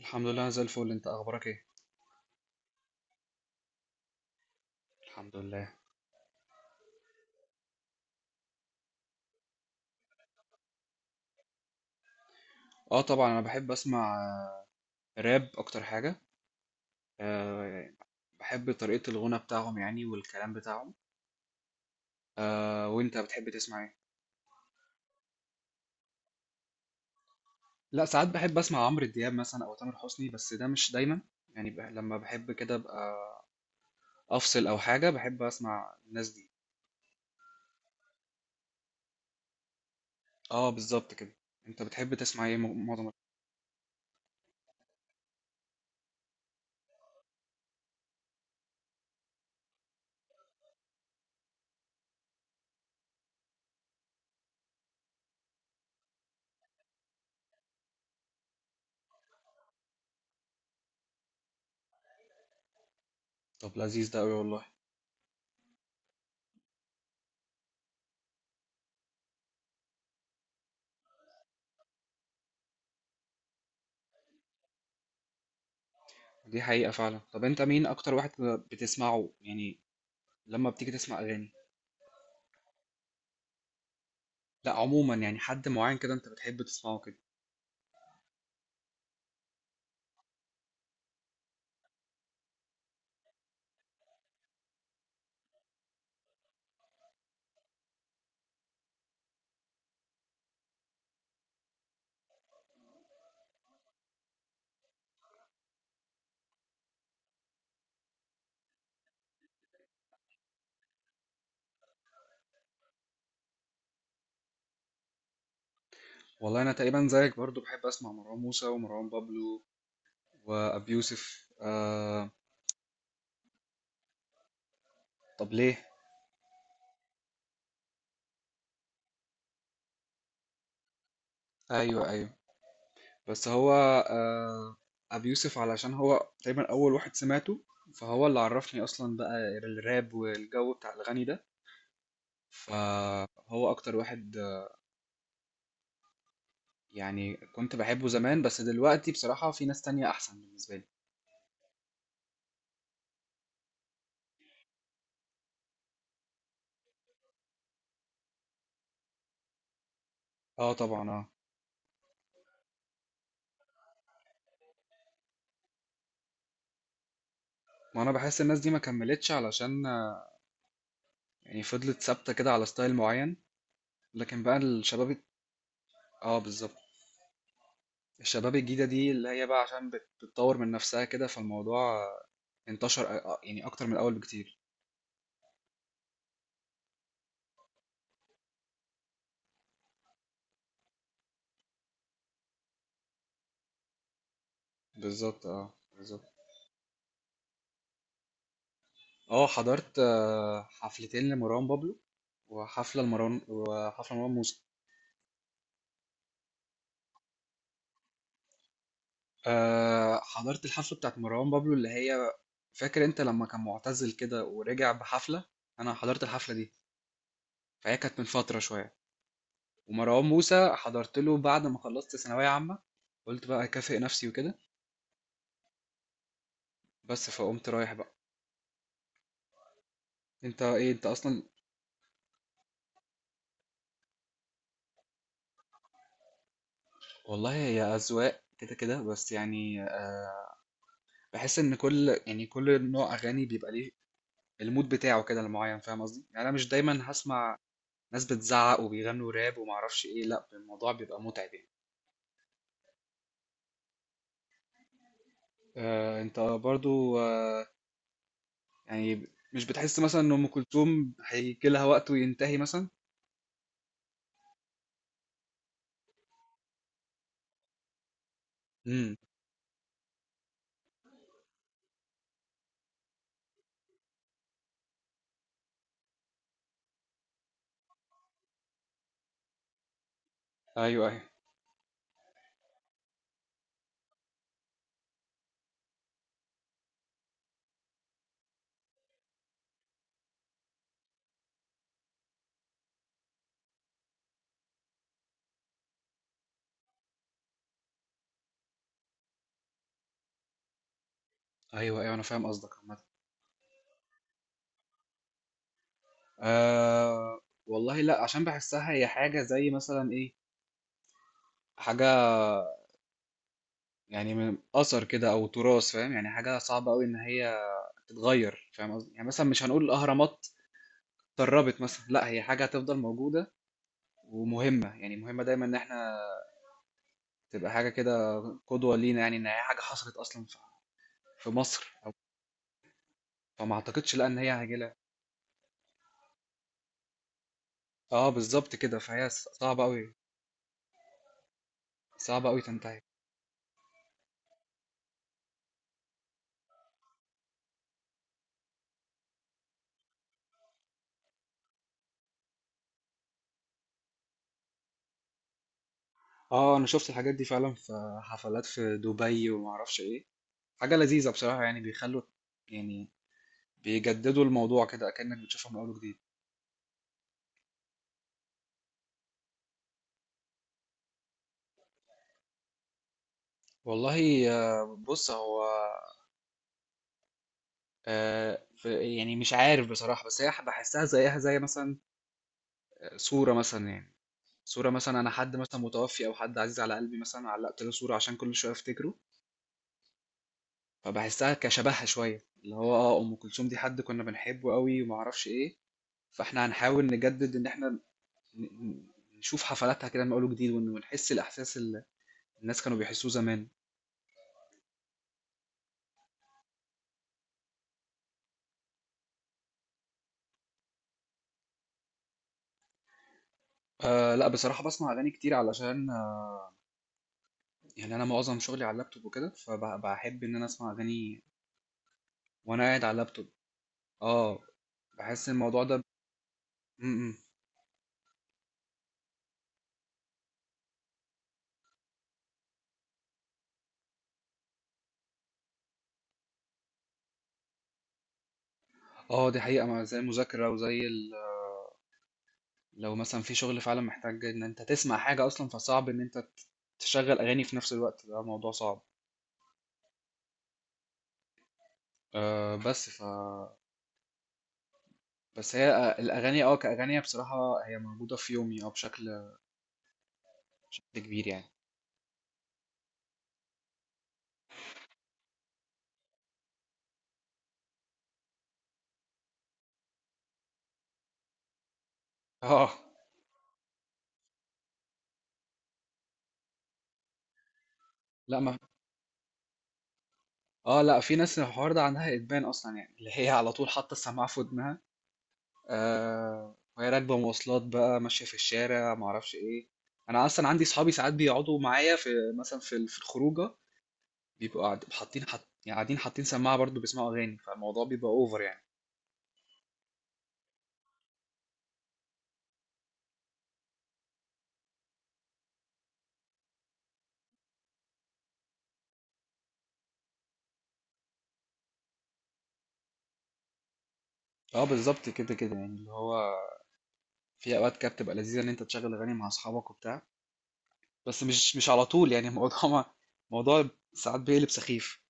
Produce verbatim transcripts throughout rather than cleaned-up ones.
الحمد لله، أنا زي الفل. انت اخبارك ايه؟ الحمد لله. اه طبعا انا بحب اسمع آه، راب اكتر حاجه. آه. بحب طريقه الغنى بتاعهم يعني والكلام بتاعهم. آه، وانت بتحب تسمع ايه؟ لا، ساعات بحب اسمع عمرو دياب مثلا او تامر حسني، بس ده مش دايما. يعني ب... لما بحب كده ابقى افصل او حاجه بحب اسمع الناس دي. اه بالظبط كده. انت بتحب تسمع ايه م- معظم الوقت؟ طب لذيذ ده قوي والله. دي حقيقه فعلا. طب انت مين اكتر واحد بتسمعه يعني لما بتيجي تسمع اغاني؟ لا، عموما يعني حد معين كده انت بتحب تسمعه كده؟ والله انا تقريبا زيك، برضو بحب اسمع مروان موسى ومروان بابلو وابي يوسف. آه. طب ليه؟ ايوه، ايوه. بس هو آه ابي يوسف، علشان هو تقريبا اول واحد سمعته، فهو اللي عرفني اصلا بقى الراب والجو بتاع الغني ده. فهو اكتر واحد. آه، يعني كنت بحبه زمان، بس دلوقتي بصراحة في ناس تانية احسن بالنسبة لي. اه طبعا اه. ما انا بحس الناس دي ما كملتش، علشان آه، يعني فضلت ثابتة كده على ستايل معين، لكن بقى الشباب. اه بالظبط. الشباب الجديدة دي اللي هي بقى عشان بت- بتطور من نفسها كده، فالموضوع انتشر أ- أ- يعني أكتر من الأول بكتير. بالظبط اه بالظبط. اه حضرت آه، حفلتين لمروان بابلو، وحفلة لمروان، وحفلة مروان موسى. آه، حضرت الحفلة بتاعت مروان بابلو اللي هي، فاكر انت لما كان معتزل كده ورجع بحفلة، انا حضرت الحفلة دي. فهي كانت من فترة شوية. ومروان موسى حضرت له بعد ما خلصت ثانوية عامة، قلت بقى أكافئ نفسي وكده، بس فقمت رايح بقى. انت ايه، انت اصلا؟ والله هي اذواق كده كده، بس يعني آه، بحس ان كل يعني كل نوع اغاني بيبقى ليه المود بتاعه كده المعين، فاهم قصدي؟ يعني انا مش دايما هسمع ناس بتزعق وبيغنوا راب ومعرفش ايه، لا الموضوع بيبقى متعب يعني. آه، انت برضو، آه، يعني مش بتحس مثلا ان ام كلثوم هيجي لها وقت وينتهي مثلا؟ امم ايوه ايوه ايوه ايوه، انا فاهم قصدك. آه. والله لا، عشان بحسها هي حاجة زي مثلا ايه، حاجة يعني من أثر كده أو تراث، فاهم؟ يعني حاجة صعبة أوي إن هي تتغير، فاهم قصدي؟ يعني مثلا مش هنقول الأهرامات اتدربت مثلا، لا هي حاجة هتفضل موجودة ومهمة، يعني مهمة دايما إن احنا تبقى حاجة كده قدوة لينا، يعني إن هي حاجة حصلت أصلا في في مصر، أو فما أعتقدش لا إن هي هجيلها. اه بالظبط كده، فهي ص- صعبة أوي، صعبة أوي تنتهي. اه أنا شفت الحاجات دي فعلا في حفلات في دبي ومعرفش إيه. حاجة لذيذة بصراحة، يعني بيخلوا يعني بيجددوا الموضوع كده كأنك بتشوفه من أول وجديد. والله، آه، بص هو، آه، ف- يعني مش عارف بصراحة، بس هي بحسها زيها زي مثلا صورة مثلا يعني. صورة مثلا، أنا حد مثلا متوفي أو حد عزيز على قلبي مثلا علقت له صورة عشان كل شوية أفتكره. فبحسها كشبهها شوية، اللي هو اه أم كلثوم دي حد كنا بنحبه قوي ومعرفش إيه. فإحنا هنحاول نجدد إن إحنا ن- ن- نشوف حفلاتها كده من أول وجديد، ون- ونحس الإحساس اللي الناس كانوا بيحسوه زمان. أه لا، بصراحة بسمع أغاني كتير علشان آه، يعني أنا معظم شغلي على اللابتوب وكده، فبحب إن أنا أسمع أغاني وأنا قاعد على اللابتوب. أه. بحس الموضوع ده. م -م. أه دي حقيقة، مع زي المذاكرة وزي ال... لو مثلا في شغل فعلا محتاج إن أنت تسمع حاجة أصلا، فصعب إن أنت ت- تشغل أغاني في نفس الوقت، ده موضوع صعب. أه، بس ف بس هي، آه، الأغاني أه كأغاني بصراحة هي موجودة في يومي أه بشكل بشكل كبير يعني. أه لا، اه لا، في ناس الحوار ده عندها ادمان اصلا، يعني اللي هي على طول حاطه السماعه في ودنها، آه، وهي راكبه مواصلات بقى ماشيه في الشارع ما اعرفش ايه. انا اصلا عندي صحابي ساعات بيقعدوا معايا في مثلا في ال- في الخروجه، بيبقوا قاعد- حاطين حط يعني قاعدين حاطين سماعه برضو بيسمعوا اغاني، فالموضوع بيبقى اوفر يعني. اه بالظبط كده كده يعني، اللي هو في اوقات كده بتبقى لذيذه ان انت تشغل اغاني مع اصحابك وبتاع، بس مش مش على طول يعني الموضوع ما- موضوع ساعات بيقلب سخيف.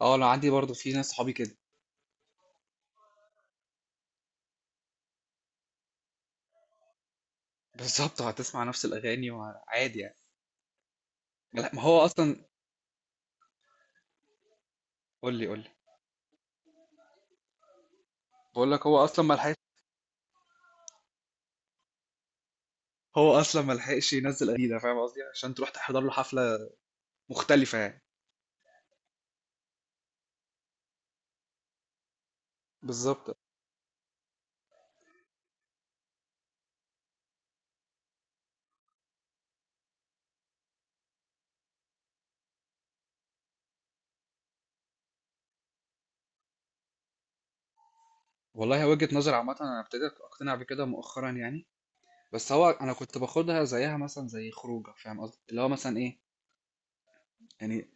اه انا عندي برضو في ناس صحابي كده. بالظبط هتسمع نفس الاغاني وعادي يعني. لا ما هو اصلا. قول لي، قول لي. بقول لك هو اصلا ما لحقش. هو اصلا ما لحقش ينزل جديده، فاهم قصدي؟ عشان تروح تحضر له حفله مختلفه يعني. بالظبط. والله هي وجهه نظر عامه، انا ابتديت اقتنع بكده مؤخرا يعني. بس هو انا كنت باخدها زيها مثلا زي خروجه، فاهم قصدي؟ اللي هو مثلا ايه يعني،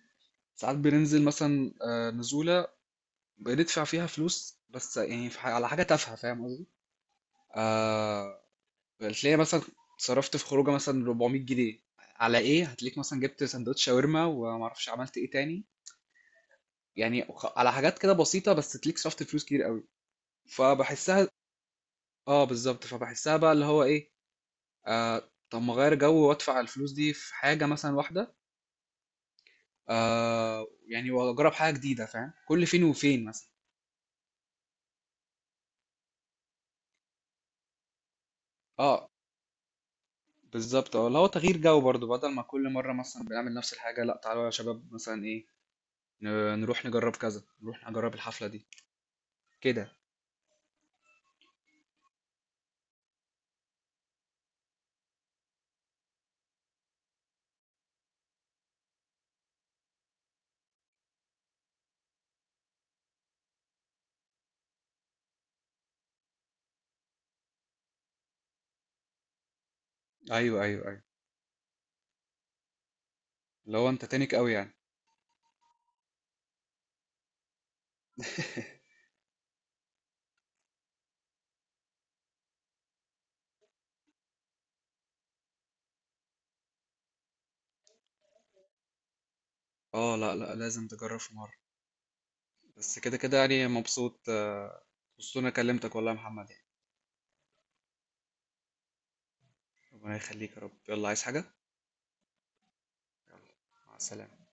ساعات بننزل مثلا آه، نزوله بندفع فيها فلوس بس يعني في ح- على حاجه تافهه، فاهم قصدي؟ آه، هتلاقي مثلا صرفت في خروجه مثلا اربعمية جنيه على ايه، هتلاقيك مثلا جبت سندوتش شاورما ومعرفش عملت ايه تاني. يعني خ- على حاجات كده بسيطه بس تليك صرفت فلوس كتير قوي. فبحسها. اه بالظبط فبحسها بقى اللي هو ايه، آه طب ما اغير جو وادفع الفلوس دي في حاجه مثلا واحده، آه يعني واجرب حاجه جديده، فاهم؟ كل فين وفين مثلا. اه بالظبط اه، اللي هو تغيير جو برضو بدل ما كل مره مثلا بنعمل نفس الحاجه، لا تعالوا يا شباب مثلا ايه ن- نروح نجرب كذا، نروح نجرب الحفله دي كده. ايوه ايوه ايوه. اللي هو انت تانيك قوي يعني. اه لا لا، لازم تجرب في مرة. بس كده كده يعني مبسوط، آه، مبسوط إن انا كلمتك والله يا محمد يعني. ربنا يخليك يا رب. يلا، عايز حاجة؟ مع السلامة.